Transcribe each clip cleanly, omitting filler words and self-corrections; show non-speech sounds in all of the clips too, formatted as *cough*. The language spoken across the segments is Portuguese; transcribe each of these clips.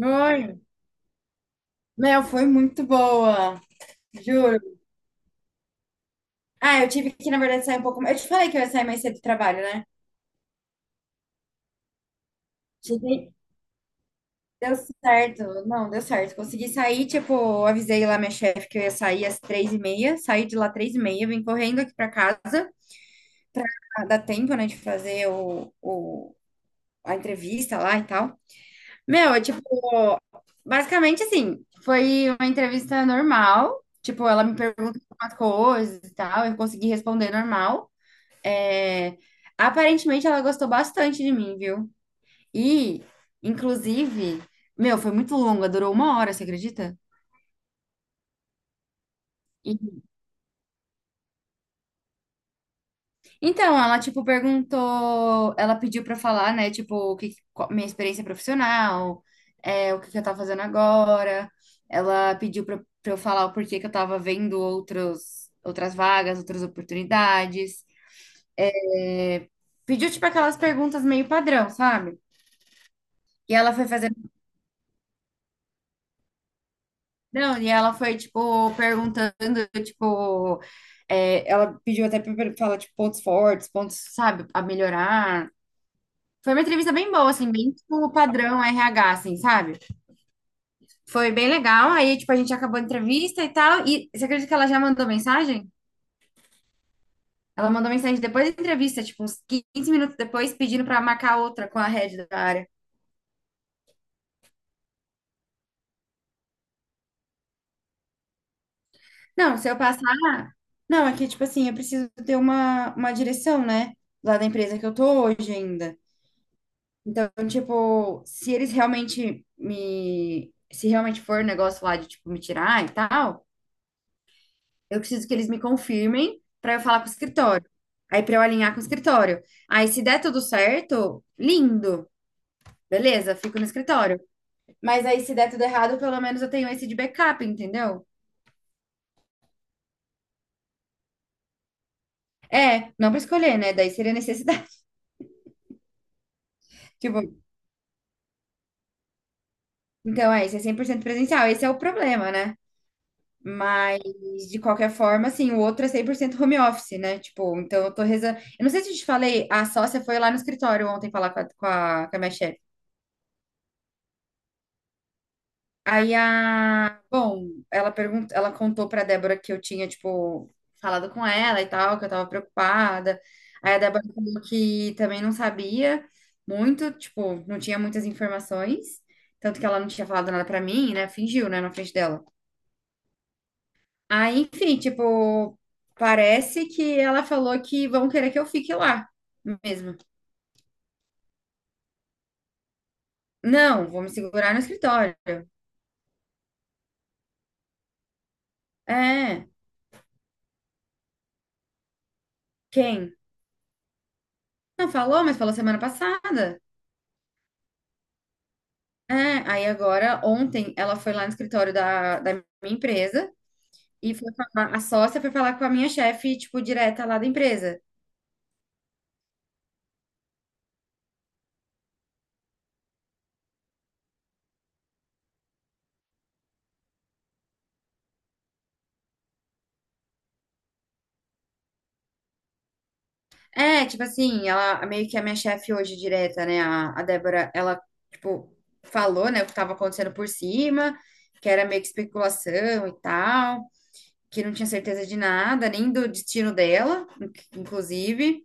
Foi. Meu, foi muito boa. Juro. Ah, eu tive que, na verdade, sair um pouco mais. Eu te falei que eu ia sair mais cedo do trabalho, né? Cheguei. Deu certo. Não, deu certo. Consegui sair, tipo, eu avisei lá minha chefe que eu ia sair às 3:30. Saí de lá 3:30, vim correndo aqui pra casa. Ah, dá tempo, né, de fazer a entrevista lá e tal. Meu, é tipo, basicamente assim, foi uma entrevista normal. Tipo, ela me perguntou umas coisas e tal, eu consegui responder normal. Aparentemente ela gostou bastante de mim, viu? E, inclusive, meu, foi muito longa, durou uma hora, você acredita? E- Então, ela, tipo, perguntou, ela pediu pra falar, né, tipo, o que, minha experiência profissional, é, o que que eu tava fazendo agora. Ela pediu pra eu falar o porquê que eu tava vendo outros, outras vagas, outras oportunidades. É, pediu, tipo, aquelas perguntas meio padrão, sabe? E ela foi fazer. Não, e ela foi, tipo, perguntando, tipo, é, ela pediu até para falar, tipo, pontos fortes, pontos, sabe, a melhorar. Foi uma entrevista bem boa, assim, bem, tipo, o padrão RH, assim, sabe? Foi bem legal, aí, tipo, a gente acabou a entrevista e tal, e você acredita que ela já mandou mensagem? Ela mandou mensagem depois da entrevista, tipo, uns 15 minutos depois, pedindo para marcar outra com a head da área. Não, se eu passar... Não, é que, tipo assim, eu preciso ter uma direção, né? Lá da empresa que eu tô hoje ainda. Então, tipo, se eles realmente me. Se realmente for um negócio lá de, tipo, me tirar e tal, eu preciso que eles me confirmem pra eu falar com o escritório. Aí, pra eu alinhar com o escritório. Aí, se der tudo certo, lindo, beleza, fico no escritório. Mas aí, se der tudo errado, pelo menos eu tenho esse de backup, entendeu? É, não pra escolher, né? Daí seria necessidade. *laughs* Tipo, então, é, isso é 100% presencial. Esse é o problema, né? Mas, de qualquer forma, assim, o outro é 100% home office, né? Tipo, então eu tô rezando. Eu não sei se eu te falei, a sócia foi lá no escritório ontem falar com a minha chefe. Aí a. Bom, ela perguntou, ela contou pra Débora que eu tinha, tipo, falado com ela e tal, que eu tava preocupada. Aí a Débora falou que também não sabia muito, tipo, não tinha muitas informações. Tanto que ela não tinha falado nada pra mim, né? Fingiu, né, na frente dela. Aí, enfim, tipo, parece que ela falou que vão querer que eu fique lá mesmo. Não, vou me segurar no escritório. É, quem? Não falou, mas falou semana passada. É, aí agora, ontem, ela foi lá no escritório da minha empresa e foi falar, a sócia foi falar com a minha chefe, tipo, direta lá da empresa. É, tipo assim, ela meio que é minha chefe hoje direta, né? A Débora, ela, tipo, falou, né, o que tava acontecendo por cima, que era meio que especulação e tal, que não tinha certeza de nada, nem do destino dela, inclusive.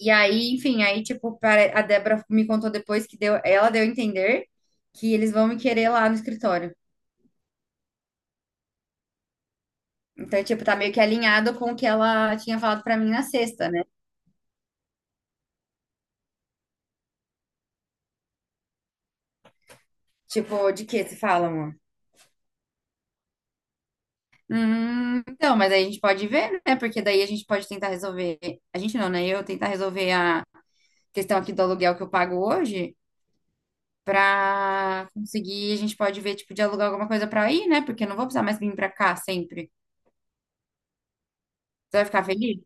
E aí, enfim, aí, tipo, a Débora me contou depois que deu, ela deu a entender que eles vão me querer lá no escritório. Então, tipo, tá meio que alinhado com o que ela tinha falado pra mim na sexta, né? Tipo, de que se fala. Então, mas aí a gente pode ver, né? Porque daí a gente pode tentar resolver. A gente não, né? Eu tentar resolver a questão aqui do aluguel que eu pago hoje pra conseguir. A gente pode ver, tipo, de alugar alguma coisa pra ir, né? Porque eu não vou precisar mais vir pra cá sempre. Você vai ficar feliz?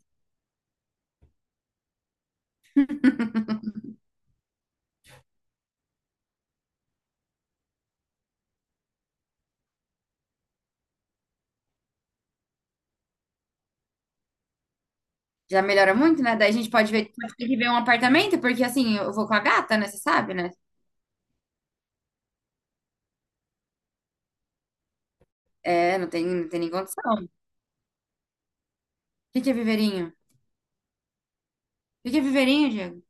Já melhora muito, né? Daí a gente pode ver, pode ter que ver um apartamento, porque assim, eu vou com a gata, né? Você sabe, né? É, não tem, não tem nem condição. O que que é viveirinho? O que que é viveirinho, Diego?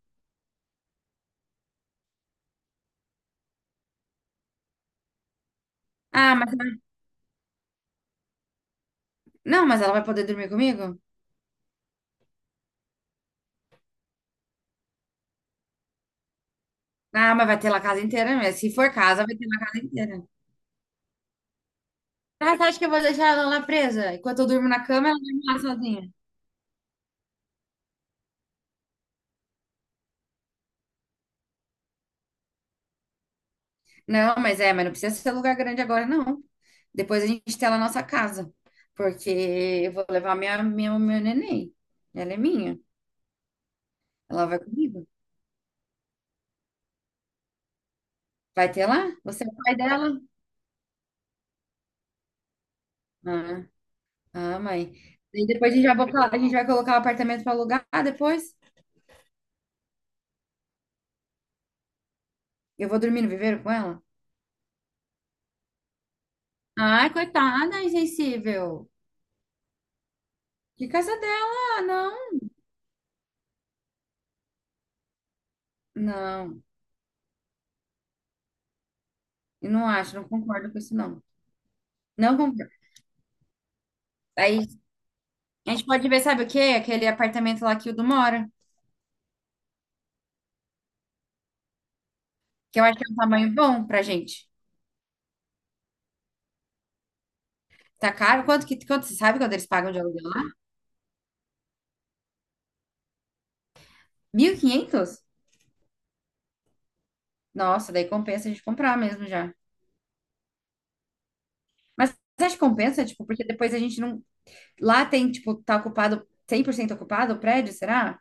Ah, mas não, mas ela vai poder dormir comigo? Ah, mas vai ter lá a casa inteira mesmo. Se for casa, vai ter lá a casa inteira. Ah, você acha que eu vou deixar ela lá presa? Enquanto eu durmo na cama, ela vai lá sozinha. Não, mas é, mas não precisa ser lugar grande agora, não. Depois a gente tem lá a nossa casa. Porque eu vou levar minha, minha, meu neném. Ela é minha. Ela vai comigo. Vai ter lá? Você é o pai dela? Ah, ah, mãe. E depois a gente vai a gente vai colocar o apartamento para alugar depois. Eu vou dormir no viveiro com ela? Ai, coitada, insensível. Que casa dela? Não. Não, eu não acho, não concordo com isso, não. Não concordo. Aí a gente pode ver, sabe o quê? Aquele apartamento lá que o Du mora, que eu acho que é um tamanho bom pra gente. Tá caro? Quanto que, quanto, você sabe quanto eles pagam de aluguel lá? 1.500. Nossa, daí compensa a gente comprar mesmo já. Mas você acha que compensa? Tipo, porque depois a gente não... Lá tem, tipo, tá ocupado, 100% ocupado o prédio, será?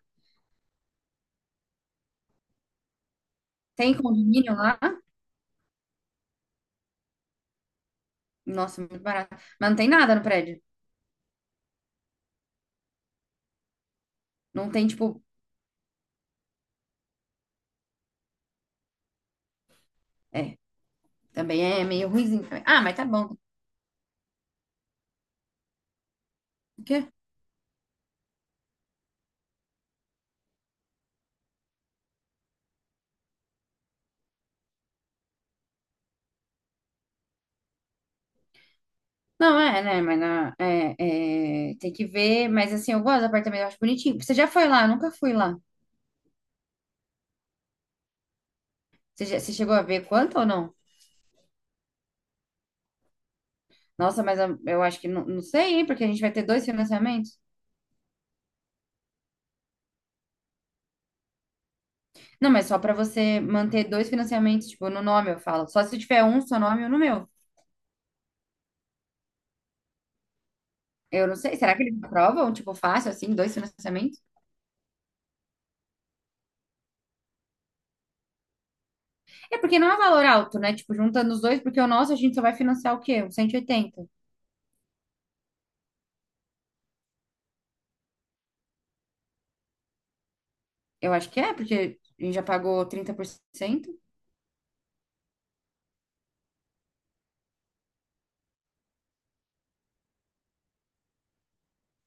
Tem condomínio lá? Nossa, muito barato. Mas não tem nada no prédio. Não tem, tipo... É, também é meio ruimzinho também. Ah, mas tá bom. Não, é, né? Mas na, tem que ver. Mas assim, eu gosto do apartamento, eu acho bonitinho. Você já foi lá? Eu nunca fui lá. Você, você chegou a ver quanto ou não? Nossa, mas eu acho que não, não sei, hein? Porque a gente vai ter dois financiamentos. Não, mas só pra você manter dois financiamentos, tipo, no nome, eu falo. Só se tiver um, seu nome ou no meu. Eu não sei. Será que eles aprovam, tipo, fácil, assim, dois financiamentos? É porque não é valor alto, né? Tipo, juntando os dois, porque o nosso a gente só vai financiar o quê? Uns 180. Eu acho que é, porque a gente já pagou 30%.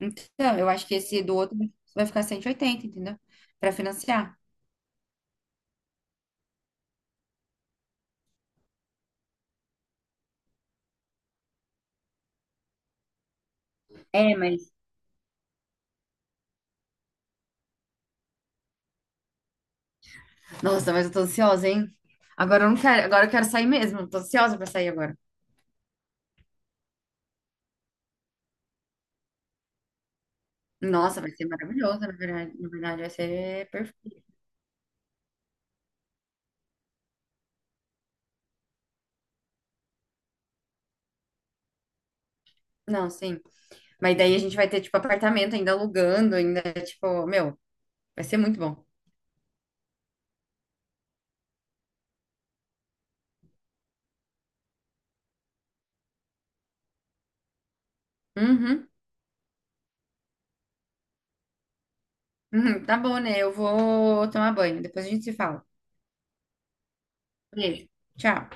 Então, eu acho que esse do outro vai ficar 180, entendeu? Pra financiar. É, mas. Nossa, mas eu tô ansiosa, hein? Agora eu não quero, agora eu quero sair mesmo. Tô ansiosa pra sair agora. Nossa, vai ser maravilhoso, na verdade. Na verdade, vai ser perfeito. Não, sim. Mas daí a gente vai ter, tipo, apartamento ainda alugando, ainda, tipo, meu, vai ser muito bom. Uhum. Uhum, tá bom, né? Eu vou tomar banho. Depois a gente se fala. Beijo. Tchau.